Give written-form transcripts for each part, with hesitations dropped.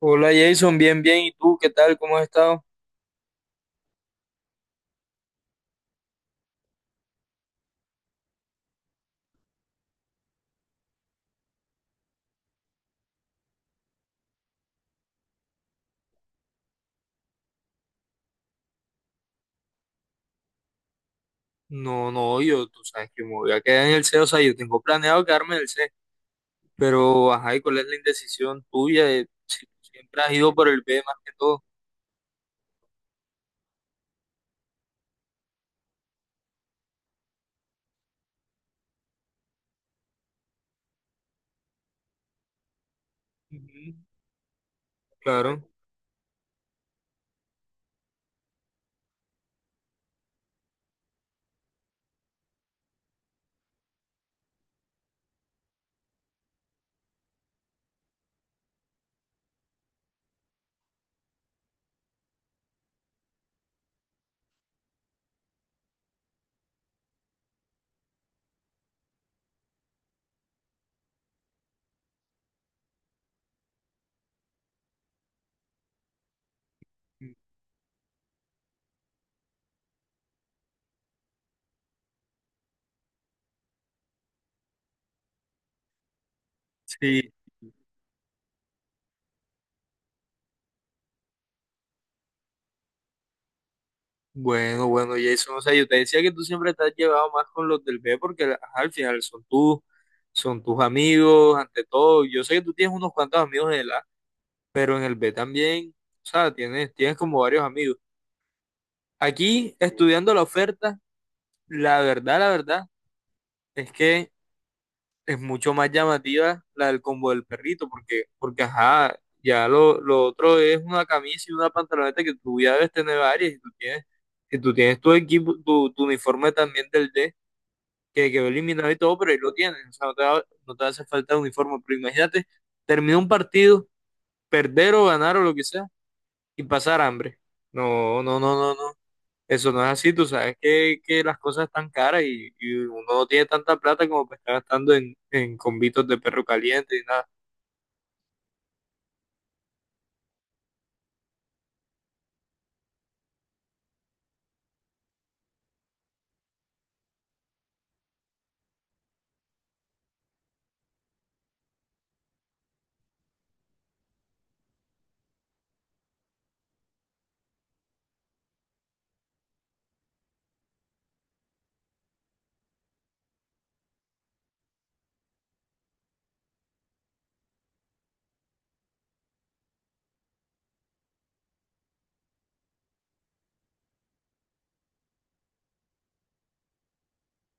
Hola Jason, bien, bien. ¿Y tú qué tal? ¿Cómo has estado? No, no, yo, tú sabes que me voy a quedar en el C, E, o sea, yo tengo planeado quedarme en el C, pero, ajá, ¿y cuál es la indecisión tuya? De si tú siempre has ido por el B más que todo. Ujú. Claro. Sí. Bueno, bueno, Jason, o sea, yo te decía que tú siempre te has llevado más con los del B porque, ajá, al final son son tus amigos, ante todo. Yo sé que tú tienes unos cuantos amigos en el A, pero en el B también, o sea, tienes como varios amigos. Aquí, estudiando la oferta, la verdad, la verdad, es que es mucho más llamativa la del combo del perrito, porque, porque ajá, ya lo otro es una camisa y una pantaloneta que tú ya debes tener varias, y tú tienes, si tú tienes tu equipo, tu uniforme también del D, que quedó eliminado y todo, pero ahí lo tienes, o sea, no te, va- no te hace falta uniforme, pero imagínate, termina un partido, perder o ganar o lo que sea, y pasar hambre. No, no, no, no, no, eso no es así, tú sabes que las cosas están caras y uno no tiene tanta plata como para estar gastando en convitos de perro caliente y nada.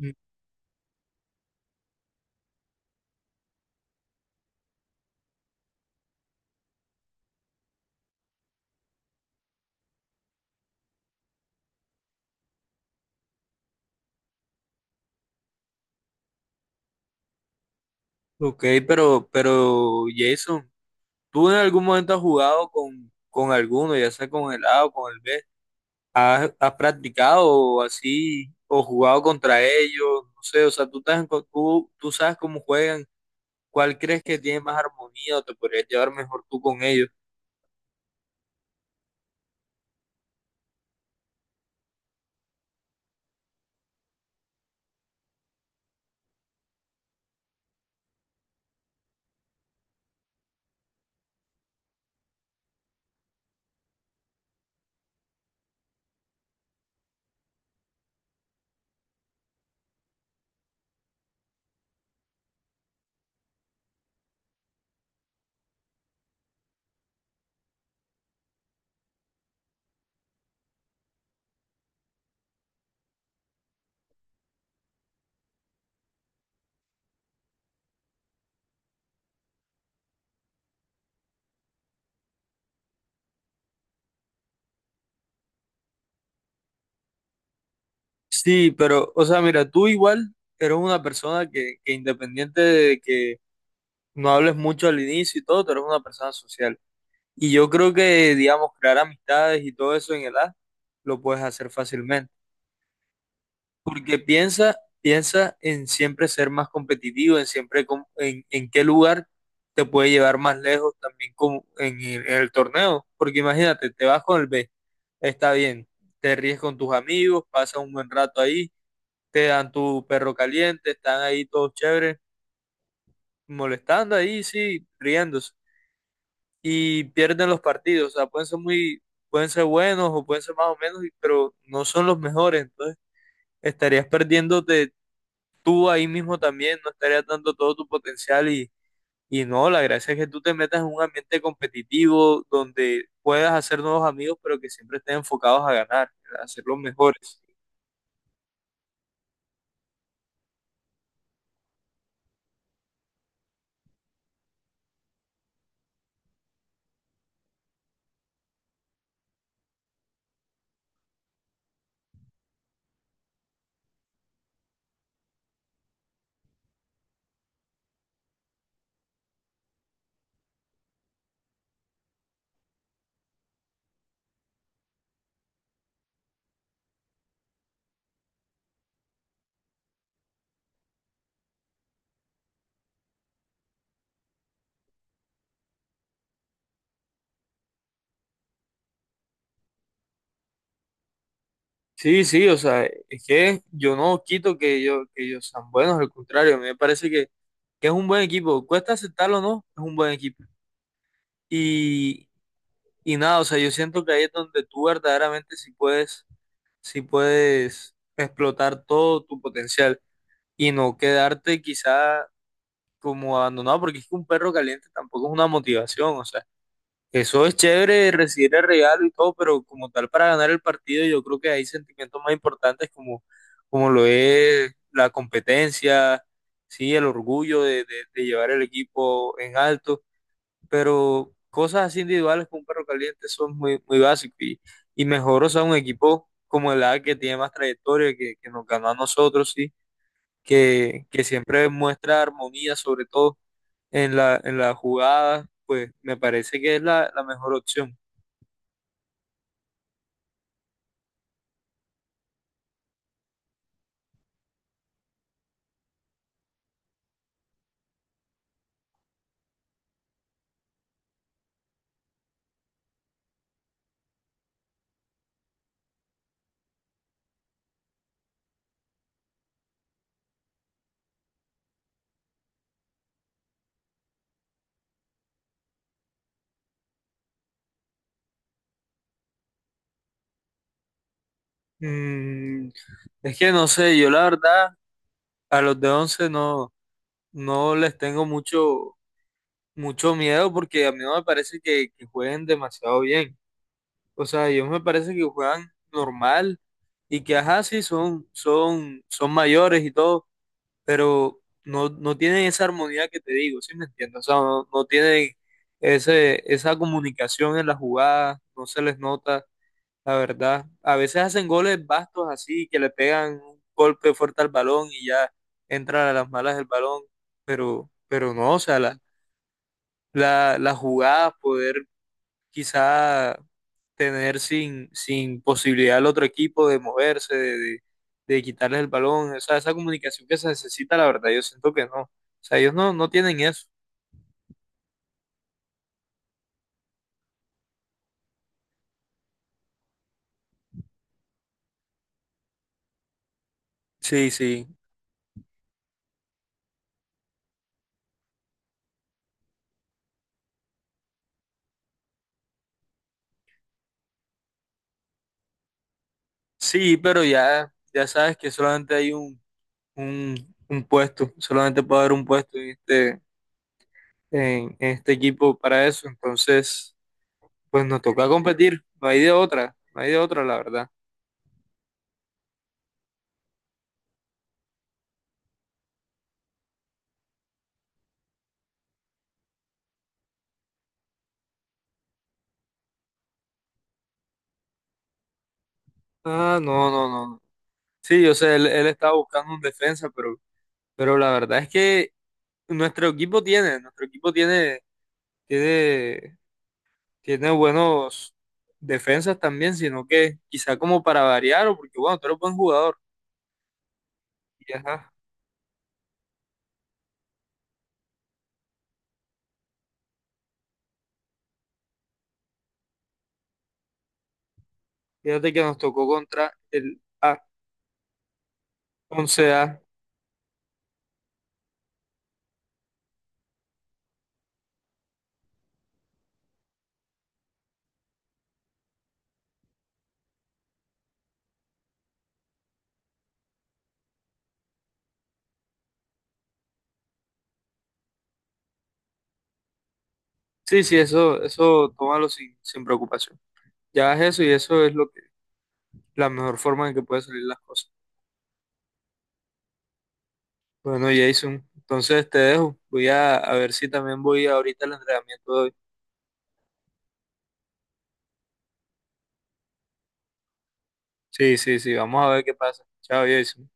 Mm. Ok, pero Jason, ¿tú en algún momento has jugado con alguno, ya sea con el A o con el B? ¿Has, has practicado así o jugado contra ellos? No sé, o sea, ¿tú, te has enco- tú sabes cómo juegan? ¿Cuál crees que tiene más armonía o te podrías llevar mejor tú con ellos? Sí, pero, o sea, mira, tú igual eres una persona que independiente de que no hables mucho al inicio y todo, tú eres una persona social. Y yo creo que, digamos, crear amistades y todo eso en el A lo puedes hacer fácilmente. Porque piensa en siempre ser más competitivo, en siempre com- en qué lugar te puede llevar más lejos también como en el torneo. Porque imagínate, te vas con el B, está bien, te ríes con tus amigos, pasas un buen rato ahí te dan tu perro caliente, están ahí todos chéveres, molestando ahí, sí, riéndose. Y pierden los partidos, o sea, pueden ser muy, pueden ser buenos o pueden ser más o menos, y- pero no son los mejores, entonces estarías perdiéndote tú ahí mismo también, no estarías dando todo tu potencial y no, la gracia es que tú te metas en un ambiente competitivo donde puedas hacer nuevos amigos, pero que siempre estén enfocados a ganar, a ser los mejores. Sí, sí, o sea, es que yo no quito que que ellos sean buenos, al contrario, a mí me parece que es un buen equipo. Cuesta aceptarlo o no, es un buen equipo. Y, y nada, o sea, yo siento que ahí es donde tú verdaderamente sí puedes explotar todo tu potencial y no quedarte quizá como abandonado, porque es que un perro caliente tampoco es una motivación, o sea. Eso es chévere, recibir el regalo y todo, pero como tal para ganar el partido yo creo que hay sentimientos más importantes como, como lo es la competencia, sí, el orgullo de llevar el equipo en alto, pero cosas así individuales como un perro caliente son muy, muy básicas y mejor, o sea, un equipo como el A que tiene más trayectoria, que nos ganó a nosotros, sí, que siempre muestra armonía, sobre todo en la jugada, pues me parece que es la la mejor opción. Mm, es que no sé, yo la verdad a los de 11 no, no les tengo mucho, mucho miedo porque a mí no me parece que jueguen demasiado bien. O sea, ellos me parece que juegan normal y que ajá, sí, son, son, son mayores y todo, pero no, no tienen esa armonía que te digo, ¿sí me entiendes? O sea, no, no tienen ese, esa comunicación en la jugada, no se les nota. La verdad, a veces hacen goles bastos así, que le pegan un golpe fuerte al balón y ya entra a las malas el balón, pero no, o sea, la, las jugadas, poder quizá tener sin, sin posibilidad al otro equipo de moverse, de quitarles el balón, o sea, esa comunicación que se necesita, la verdad, yo siento que no, o sea, ellos no, no tienen eso. Sí, sí, sí, pero ya, ya sabes que solamente hay un puesto, solamente puede haber un puesto en este equipo para eso. Entonces, pues nos toca competir. No hay de otra, no hay de otra, la verdad. Ah, no, no, no. No. Sí, yo sé, él estaba buscando un defensa, pero la verdad es que nuestro equipo tiene, tiene, tiene buenos defensas también, sino que quizá como para variar, o porque bueno, tú eres buen jugador. Y ajá, fíjate que nos tocó contra el A11A. Sí, sí, eso tómalo sin, sin preocupación. Ya es eso y eso es lo la mejor forma en que puede salir las cosas. Bueno, Jason, entonces te dejo. Voy a ver si también voy ahorita al entrenamiento de hoy. Sí, sí, sí, vamos a ver qué pasa. Chao, Jason.